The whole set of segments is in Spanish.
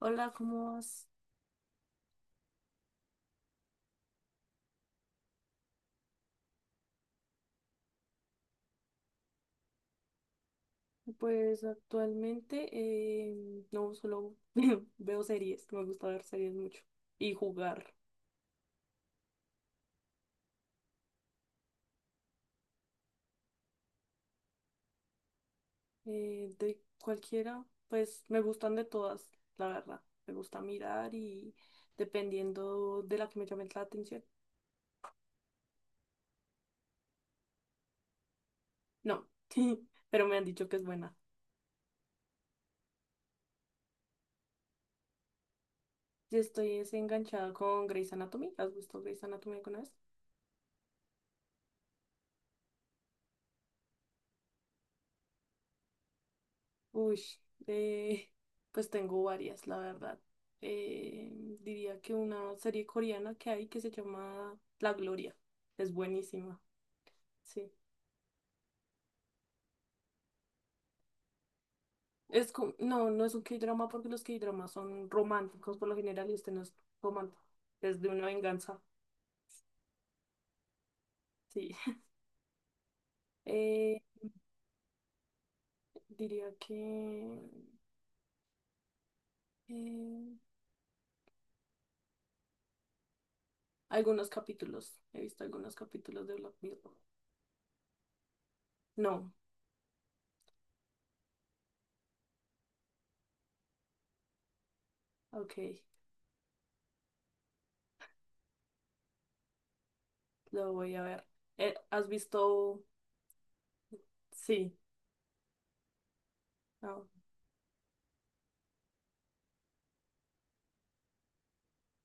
Hola, ¿cómo vas? Pues actualmente no solo veo series, me gusta ver series mucho y jugar de cualquiera, pues me gustan de todas, la verdad. Me gusta mirar y dependiendo de la que me llame la atención. No, pero me han dicho que es buena. Yo estoy es enganchada con Grey's Anatomy. ¿Has visto Grey's Anatomy alguna vez? Uy, eh, pues tengo varias, la verdad. Eh, diría que una serie coreana que hay que se llama La Gloria. Es buenísima, sí. Es no, no es un K-drama porque los K-dramas son románticos por lo general y este no es romántico. Es de una venganza, sí. Eh, diría que eh, algunos capítulos. He visto algunos capítulos de Black Mirror. No, ok, lo voy a ver. ¿Has visto? Sí. Ah,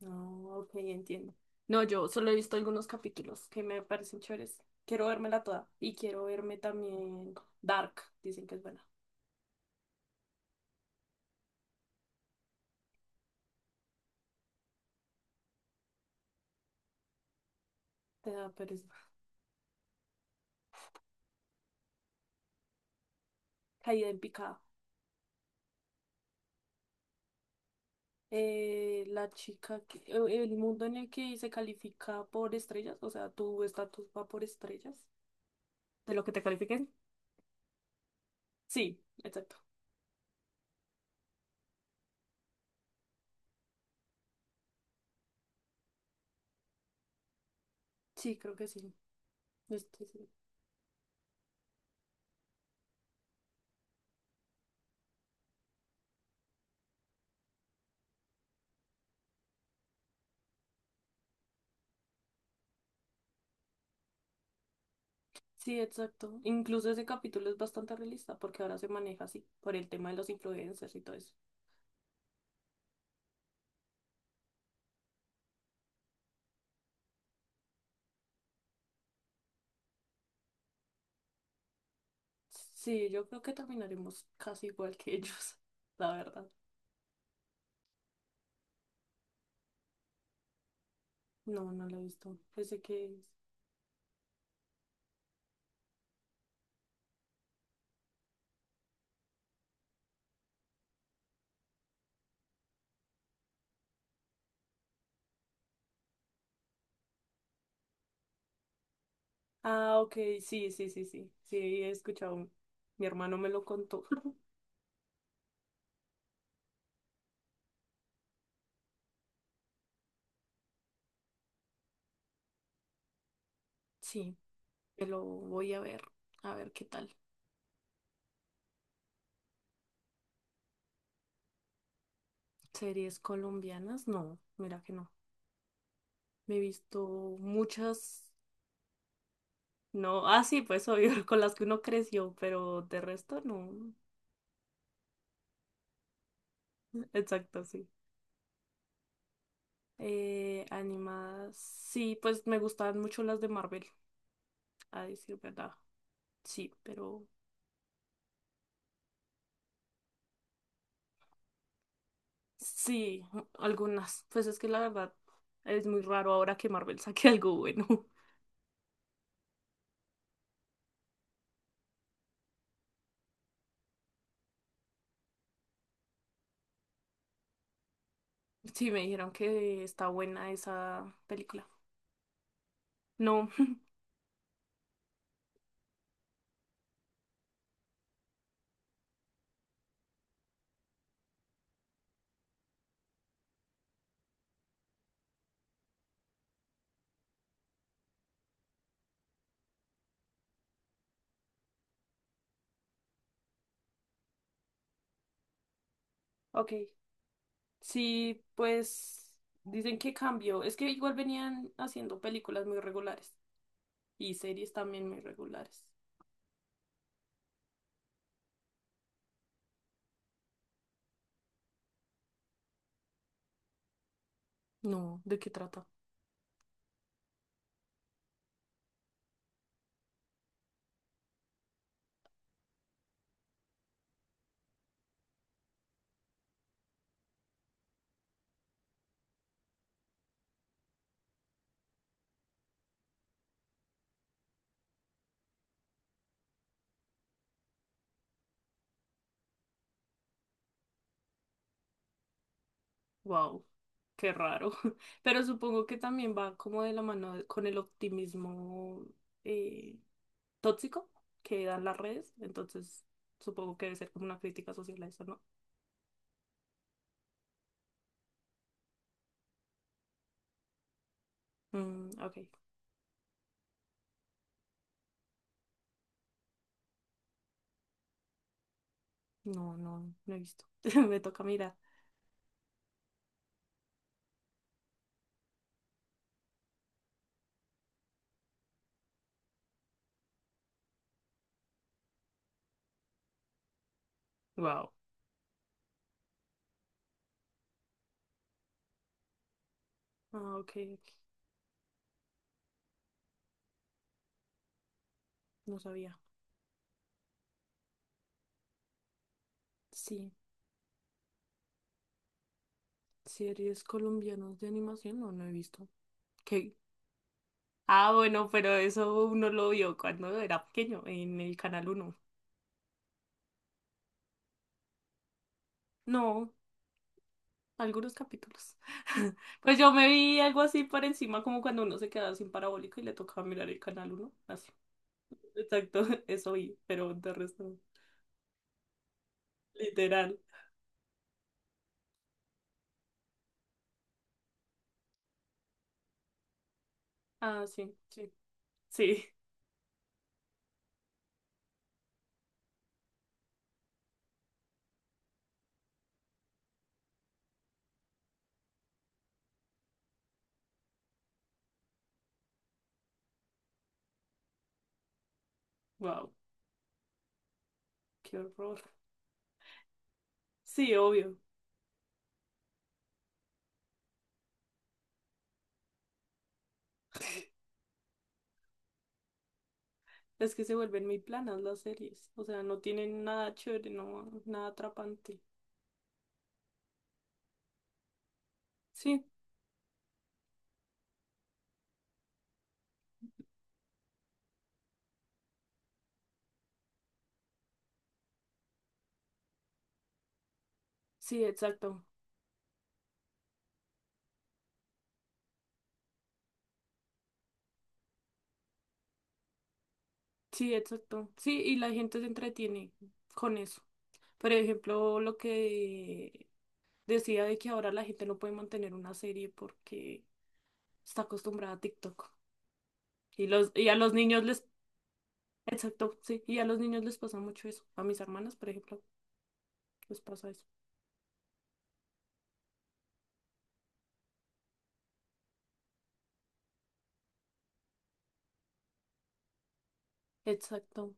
no, ok, entiendo. No, yo solo he visto algunos capítulos que me parecen chéveres. Quiero vérmela toda. Y quiero verme también Dark. Dicen que es buena. Te da pereza. Caída en picada. La chica que, el mundo en el que se califica por estrellas, o sea, tu estatus va por estrellas. ¿De lo que te califiquen? Sí, exacto. Sí, creo que sí. Este, sí. Sí, exacto. Incluso ese capítulo es bastante realista porque ahora se maneja así, por el tema de los influencers y todo eso. Sí, yo creo que terminaremos casi igual que ellos, la verdad. No, no lo he visto. Pensé que... Ah, ok, sí, sí, sí, sí. Sí, he escuchado. Mi hermano me lo contó. Sí, me lo voy a ver. A ver qué tal. ¿Series colombianas? No, mira que no. Me he visto muchas. No, ah, sí, pues obvio, con las que uno creció, pero de resto no. Exacto, sí. Animadas. Sí, pues me gustaban mucho las de Marvel, a decir verdad. Sí, pero sí, algunas. Pues es que la verdad es muy raro ahora que Marvel saque algo bueno. Sí, me dijeron que está buena esa película. No, ok. Sí, pues dicen que cambió. Es que igual venían haciendo películas muy regulares y series también muy regulares. No, ¿de qué trata? Wow, qué raro. Pero supongo que también va como de la mano de- con el optimismo. eh, Tóxico que dan las redes, entonces supongo que debe ser como una crítica social a eso, ¿no? Mm, ok, no, no, no he visto. Me toca mirar. Wow. Ah, ok, ok, no sabía. Sí, series colombianas de animación, no, no he visto. ¿Qué? Ah, bueno, pero eso uno lo vio cuando era pequeño, en el Canal uno. No, algunos capítulos. Pues yo me vi algo así por encima, como cuando uno se quedaba sin parabólico y le tocaba mirar el Canal uno, así. Exacto, eso oí, pero de resto, literal. Ah, sí, sí, sí. Wow, qué horror. Sí, obvio. Es que se vuelven muy planas las series. O sea, no tienen nada chévere, no, nada atrapante. Sí, sí, exacto. Sí, exacto. Sí, y la gente se entretiene con eso. Por ejemplo, lo que decía de que ahora la gente no puede mantener una serie porque está acostumbrada a TikTok. Y los, y a los niños les exacto, sí. Y a los niños les pasa mucho eso. A mis hermanas, por ejemplo, les pasa eso. Exacto.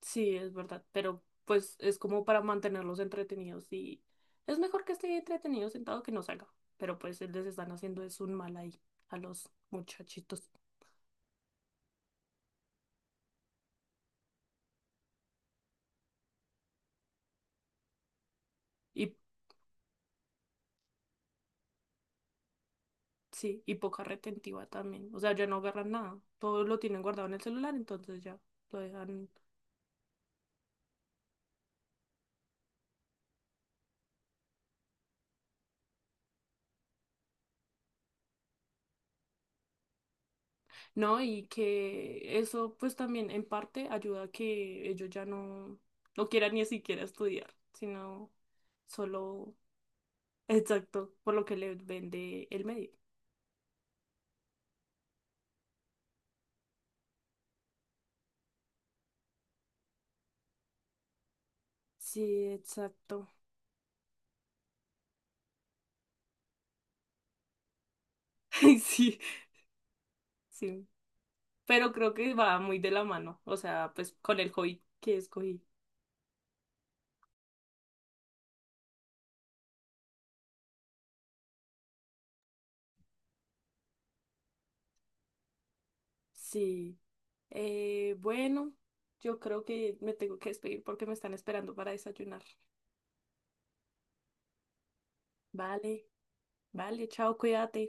Sí, es verdad. Pero pues es como para mantenerlos entretenidos y es mejor que esté entretenido sentado que no salga. Pero pues les están haciendo es un mal ahí a los muchachitos. Y sí, y poca retentiva también. O sea, ya no agarran nada. Todo lo tienen guardado en el celular, entonces ya lo dejan ¿no? Y que eso pues también en parte ayuda a que ellos ya no, no quieran ni siquiera estudiar, sino solo, exacto, por lo que les vende el medio. Sí, exacto. Ay, sí, sí. Pero creo que va muy de la mano, o sea, pues con el hobby que escogí. Sí. Bueno, yo creo que me tengo que despedir porque me están esperando para desayunar. Vale, vale, chao, cuídate.